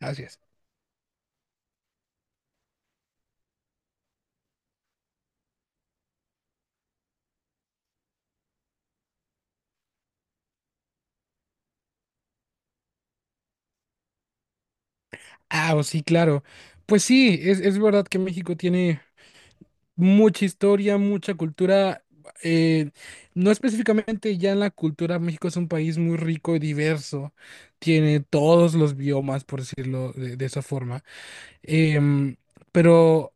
Gracias. Oh, sí, claro. Pues sí, es verdad que México tiene mucha historia, mucha cultura. eh, no específicamente ya en la cultura, México es un país muy rico y diverso. Tiene todos los biomas, por decirlo de esa forma. Em, pero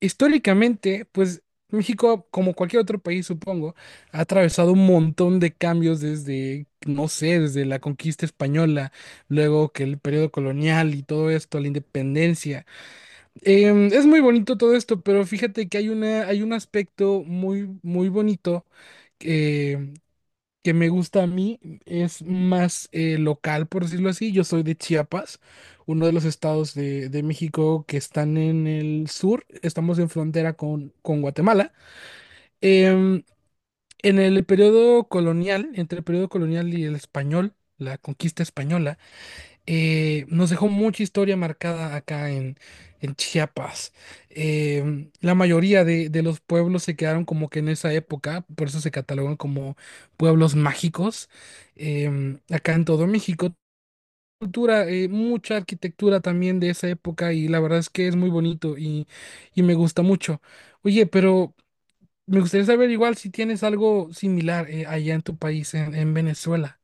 históricamente, pues México, como cualquier otro país, supongo, ha atravesado un montón de cambios desde, no sé, desde la conquista española, luego que el periodo colonial y todo esto, la independencia. Es muy bonito todo esto, pero fíjate que hay un aspecto muy, muy bonito eh, que me gusta a mí es más local, por decirlo así. Yo soy de Chiapas, uno de los estados de México que están en el sur. Estamos en frontera con Guatemala. Em, en el periodo colonial, entre el periodo colonial y el español, la conquista española, nos dejó mucha historia marcada en Chiapas. La mayoría de los pueblos se quedaron como que en esa época, por eso se catalogan como pueblos mágicos. Acá en todo México, cultura, mucha arquitectura también de esa época y la verdad es que es muy bonito y me gusta mucho. Oye, pero me gustaría saber igual si tienes algo similar allá en tu país, en Venezuela.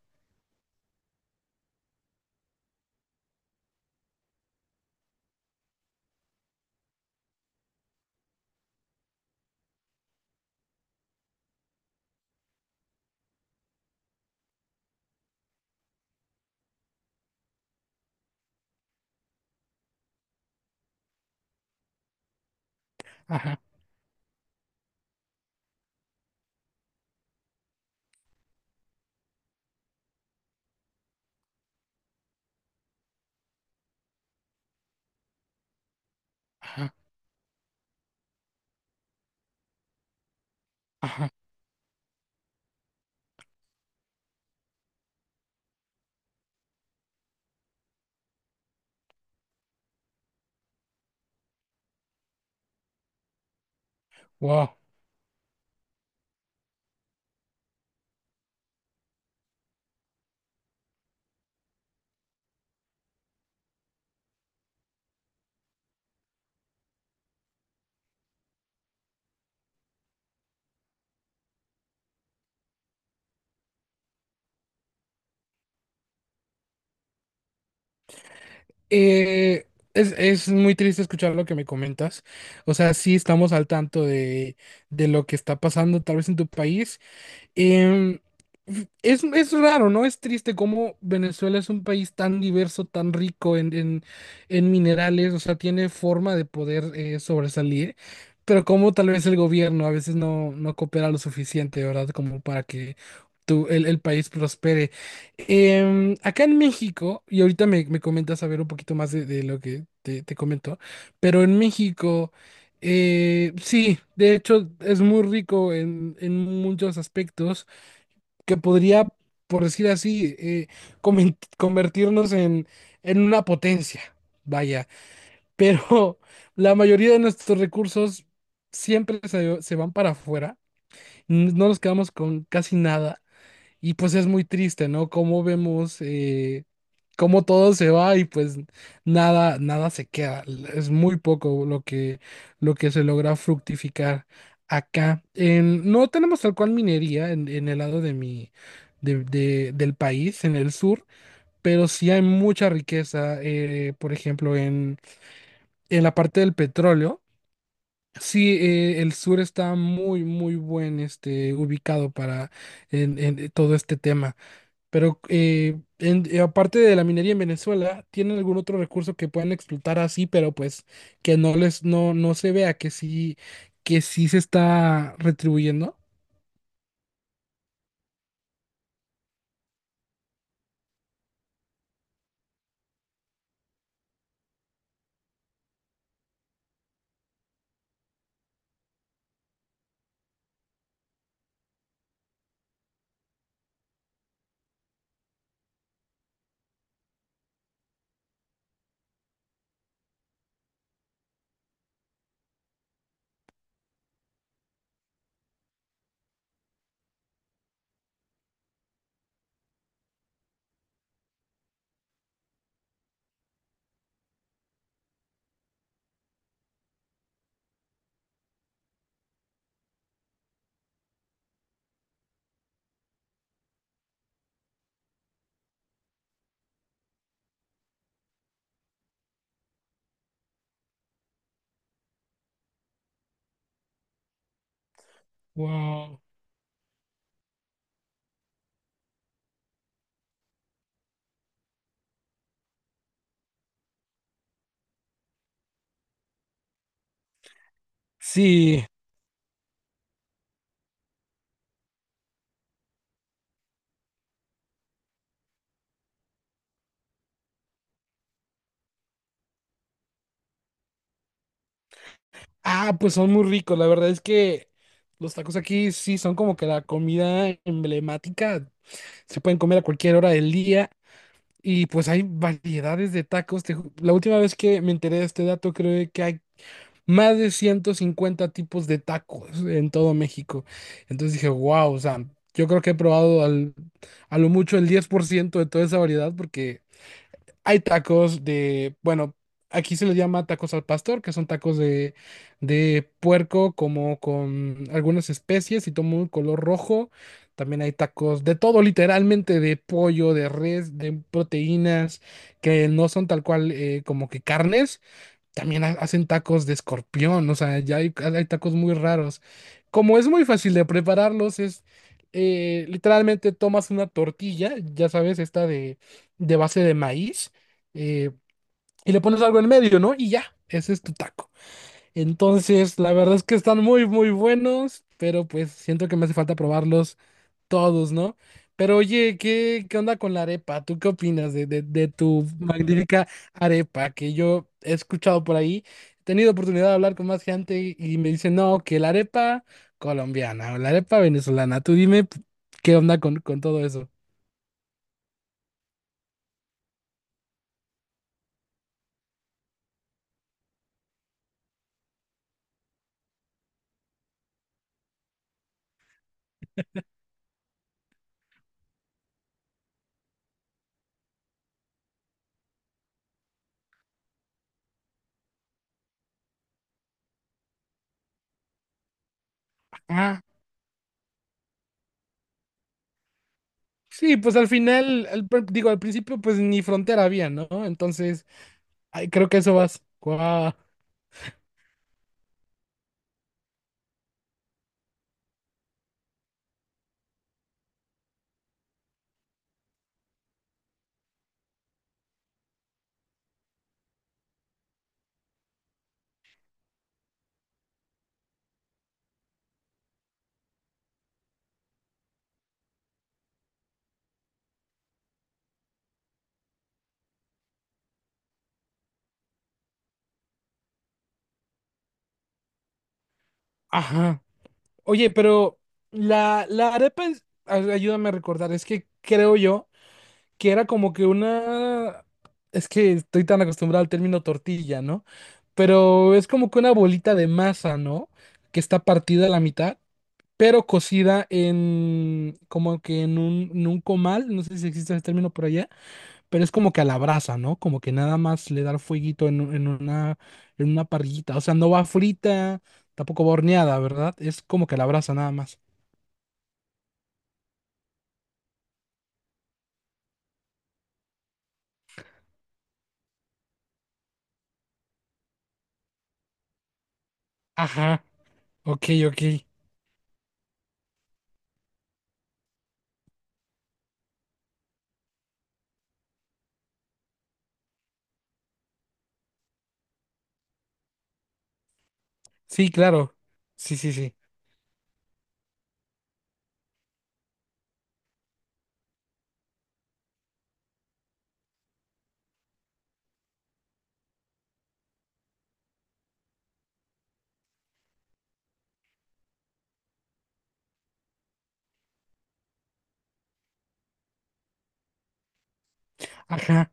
Ajá, ajá, ajá. Eh, es muy triste escuchar lo que me comentas. O sea, sí estamos al tanto de lo que está pasando tal vez en tu país. Em, es raro, ¿no? Es triste cómo Venezuela es un país tan diverso, tan rico en, en minerales, o sea, tiene forma de poder sobresalir, pero como tal vez el gobierno a veces no, no coopera lo suficiente, ¿verdad? Como para que el país prospere. Acá en México, y ahorita me comentas a ver un poquito más de lo que te comentó, pero en México, sí, de hecho es muy rico en muchos aspectos que podría, por decir así, convertirnos en una potencia, vaya. Pero la mayoría de nuestros recursos siempre se van para afuera, no nos quedamos con casi nada. Y pues es muy triste, ¿no? Cómo vemos cómo todo se va y pues nada, nada se queda. Es muy poco lo que se logra fructificar acá. No tenemos tal cual minería en el lado de mi, de- del país, en el sur, pero sí hay mucha riqueza, por ejemplo, en la parte del petróleo. Sí, el sur está muy, muy buen este, ubicado para en todo este tema. Pero aparte de la minería en Venezuela, ¿tienen algún otro recurso que puedan explotar así, pero pues que no les, no, no se vea que sí se está retribuyendo? Wow. Sí. Ah, pues son muy ricos. La verdad es que los tacos aquí sí son como que la comida emblemática. Se pueden comer a cualquier hora del día. Y pues hay variedades de tacos. La última vez que me enteré de este dato, creo que hay más de 150 tipos de tacos en todo México. Entonces dije, wow, o sea, yo creo que he probado a lo mucho el 10% de toda esa variedad porque hay tacos de, bueno, aquí se les llama tacos al pastor, que son tacos de puerco como con algunas especies y tomo un color rojo. También hay tacos de todo, literalmente, de pollo, de res, de proteínas, que no son tal cual como que carnes, también hacen tacos de escorpión, o sea, ya hay tacos muy raros. Como es muy fácil de prepararlos, es literalmente tomas una tortilla, ya sabes, esta de base de maíz, eh, y le pones algo en medio, ¿no? Y ya, ese es tu taco. Entonces, la verdad es que están muy, muy buenos, pero pues siento que me hace falta probarlos todos, ¿no? Pero oye, ¿qué, qué onda con la arepa? ¿Tú qué opinas de, de tu magnífica arepa que yo he escuchado por ahí? He tenido oportunidad de hablar con más gente y me dicen, no, que la arepa colombiana o la arepa venezolana. Tú dime qué onda con todo eso. Ah, sí, pues al final, digo, al principio pues ni frontera había, ¿no? Entonces, ay, creo que eso vas. Guau, ajá. Oye, pero la arepa es, ayúdame a recordar, es que creo yo que era como que una... Es que estoy tan acostumbrado al término tortilla, ¿no? Pero es como que una bolita de masa, ¿no? Que está partida a la mitad, pero cocida en... como que en un comal, no sé si existe ese término por allá, pero es como que a la brasa, ¿no? Como que nada más le da el fueguito en, en una parrillita. O sea, no va frita, tampoco va horneada, ¿verdad? Es como que a la brasa nada más. Ajá, ok, ok. Sí, claro. Sí, sí, sí. Ajá.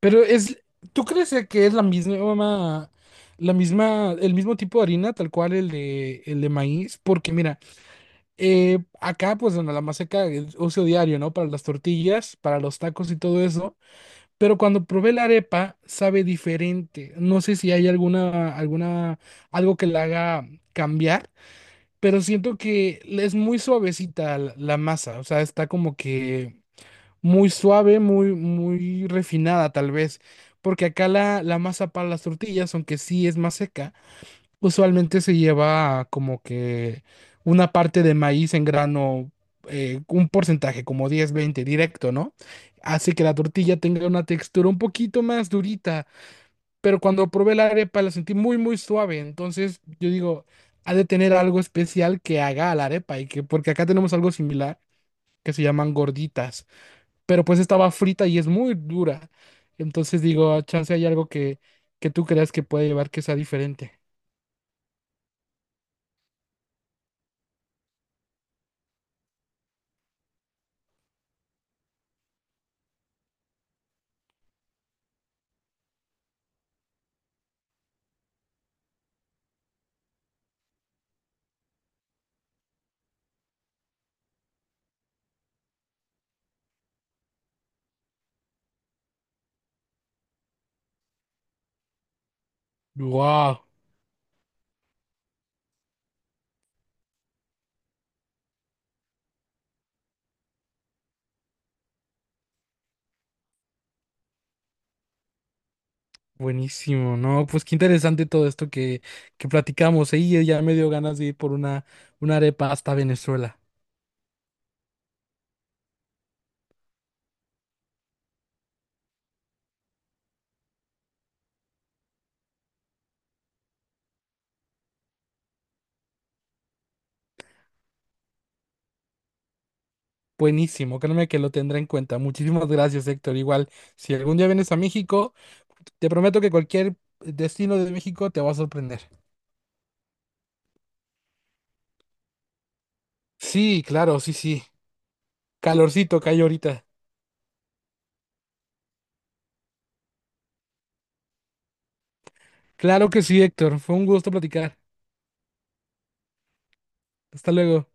Pero es, ¿tú crees que es la misma, el mismo tipo de harina, tal cual el de maíz? Porque mira, acá pues en la maseca el uso diario, ¿no? Para las tortillas, para los tacos y todo eso. Pero cuando probé la arepa, sabe diferente. No sé si hay alguna, alguna, algo que la haga cambiar, pero siento que es muy suavecita la la masa. O sea, está como que muy suave, muy, muy refinada tal vez, porque acá la masa para las tortillas, aunque sí es más seca, usualmente se lleva como que una parte de maíz en grano, un porcentaje, como 10-20 directo, ¿no? Hace que la tortilla tenga una textura un poquito más durita, pero cuando probé la arepa la sentí muy, muy suave, entonces yo digo, ha de tener algo especial que haga a la arepa, y que, porque acá tenemos algo similar que se llaman gorditas pero pues estaba frita y es muy dura. Entonces digo, "Ah, chance hay algo que tú creas que puede llevar que sea diferente. ¡Wow! Buenísimo, ¿no? Pues qué interesante todo esto que platicamos. ¿Eh? Y ya me dio ganas de ir por una arepa hasta Venezuela. Buenísimo, créeme que lo tendré en cuenta. Muchísimas gracias, Héctor. Igual, si algún día vienes a México, te prometo que cualquier destino de México te va a sorprender. Sí, claro, sí, sí. Calorcito que hay ahorita. Claro que sí, Héctor. Fue un gusto platicar. Hasta luego.